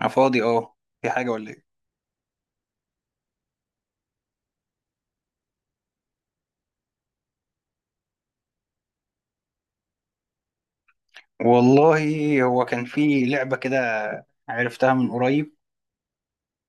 أنا فاضي، اه. في حاجة ولا ايه؟ والله هو كان في لعبة كده، عرفتها من قريب،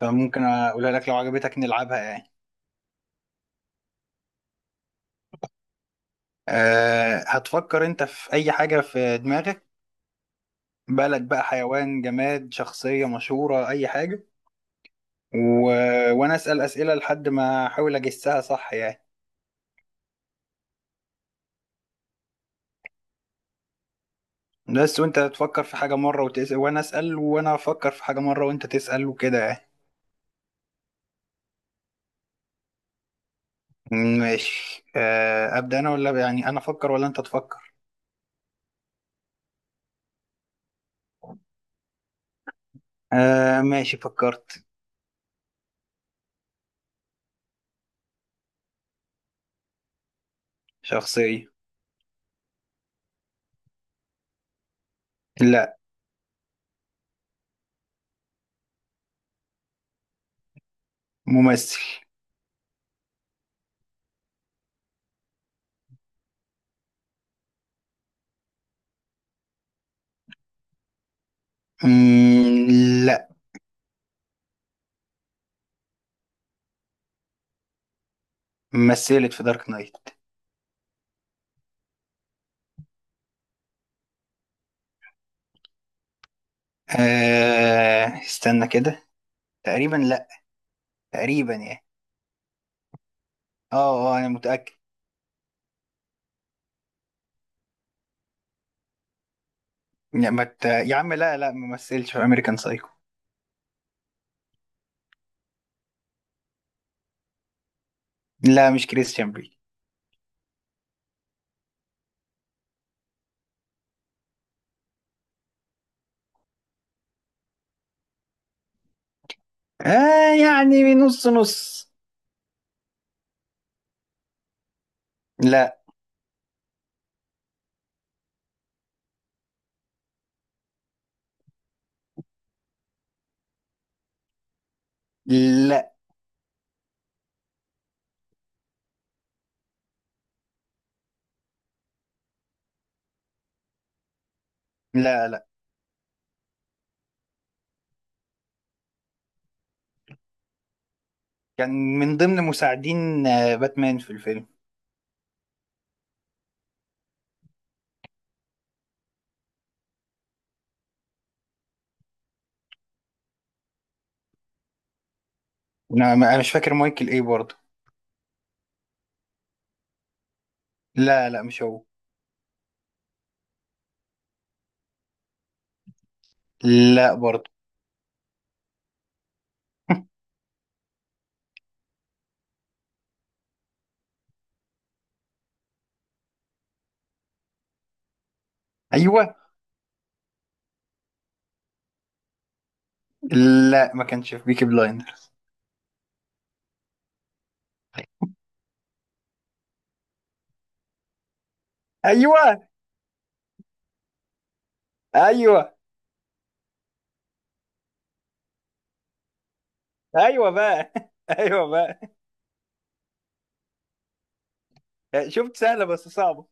فممكن اقولها لك لو عجبتك نلعبها يعني. هتفكر انت في اي حاجة في دماغك؟ بلد بقى، حيوان، جماد، شخصية مشهورة، اي حاجة. و... وانا اسأل اسئلة لحد ما احاول اجسها صح يعني. بس وانت تفكر في حاجة مرة وتسأل، وانا اسأل، وانا افكر في حاجة مرة وانت تسأل وكده يعني. ماشي، ابدأ انا ولا، يعني، انا افكر ولا انت تفكر؟ آه، ماشي، فكرت. شخصية. لا. ممثل. مم، لا. مثلت في دارك نايت. آه، استنى كده. تقريبا لا. تقريبا يعني. اه انا متأكد. لا، ما مت... يا عم، لا، لا، ما مثلش في امريكان سايكو. لا، مش كريستيان بيل. آه، يعني نص نص. لا، لا، لا، لا. كان من ضمن مساعدين باتمان في الفيلم. أنا مش فاكر مايكل ايه برضه. لا، لا، مش هو. لا برضه. ايوه. لا، ما كانش في بيكي بلايندر. ايوه ايوه. ايوه بقى. ايوه بقى. شفت؟ سهله بس صعبه.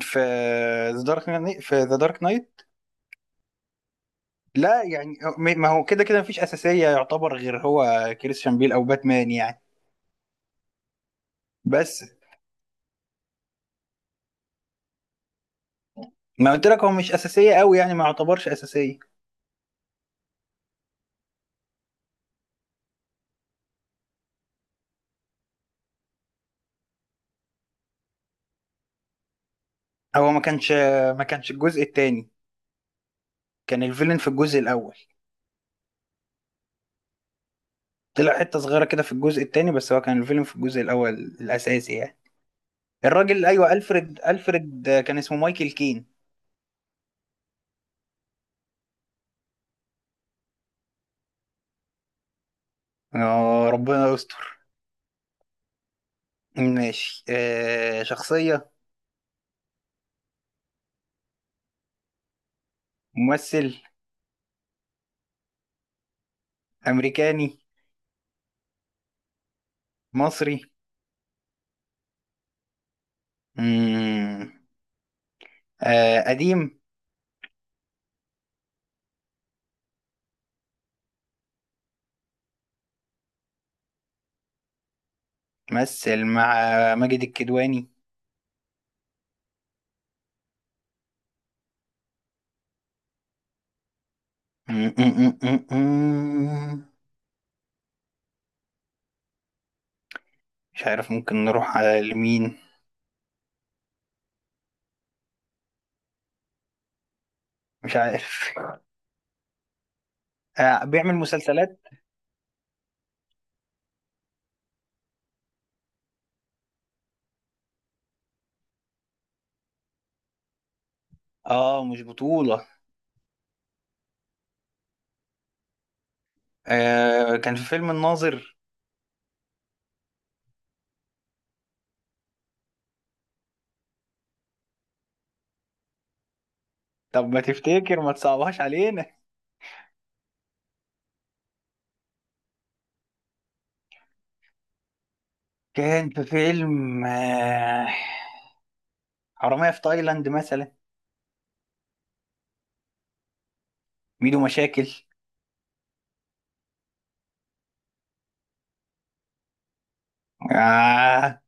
في في ذا دارك نايت. لا يعني، ما هو كده كده مفيش اساسيه، يعتبر غير هو كريستيان بيل او باتمان يعني. بس ما قلت لك هو مش اساسيه قوي، يعني ما يعتبرش اساسيه. هو ما كانش الجزء الثاني. كان الفيلن في الجزء الاول. طلع حته صغيره كده في الجزء الثاني، بس هو كان الفيلن في الجزء الاول الاساسي يعني. الراجل، ايوه، الفريد كان اسمه مايكل كين. آه، ربنا يستر. ماشي، شخصية. ممثل. أمريكاني. مصري. مم. آه، قديم. مثل مع ماجد الكدواني. مم، مم، مم، مم. مش عارف، ممكن نروح على لمين؟ مش عارف. آه، بيعمل مسلسلات. اه، مش بطولة. آه، كان في فيلم الناظر. طب ما تفتكر؟ ما تصعبهاش علينا. كان في فيلم حرامية في تايلاند مثلا. ميدو مشاكل. آه.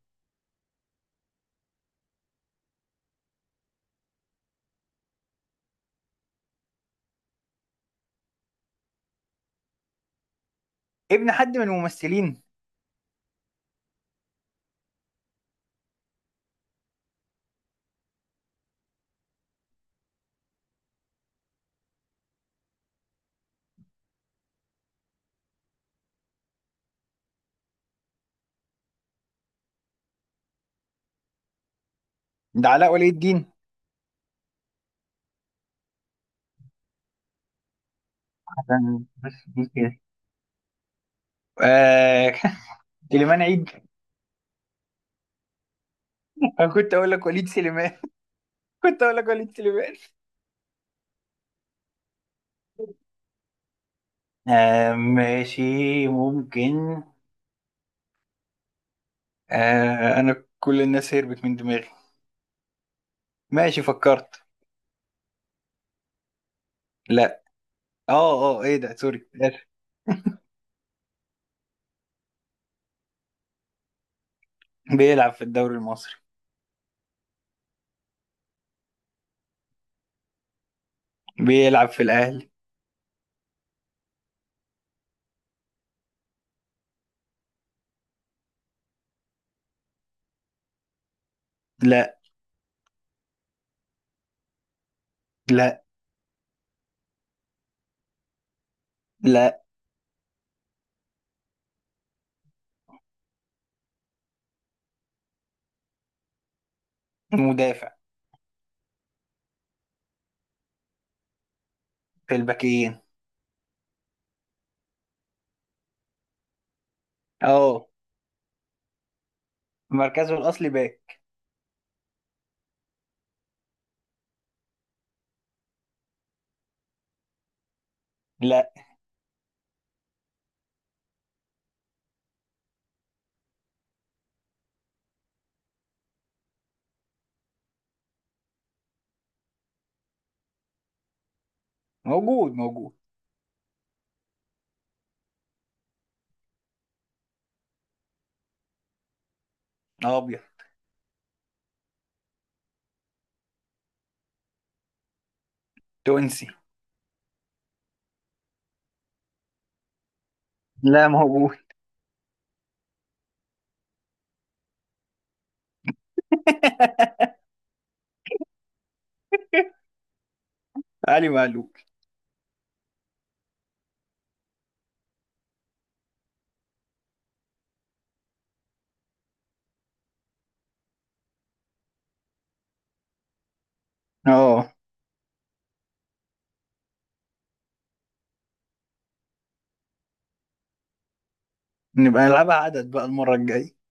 ابن حد من الممثلين؟ ده علاء ولي الدين؟ عشان بس دي كده. آه. سليمان عيد. أنا كنت أقول لك وليد سليمان. كنت أقول لك وليد سليمان. آه. ماشي. ممكن. آه. أنا كل الناس هربت من دماغي. ماشي، فكرت. لا. اه ايه ده؟ سوري، آسف. بيلعب في الدوري المصري. بيلعب في الأهلي. لا، لا، لا. مدافع. في الباكين. اه، مركزه الأصلي باك. لا. موجود، موجود. أبيض. تونسي. لا، موجود. علي معلول. اه، نبقى نلعبها عدد بقى المرة الجاية.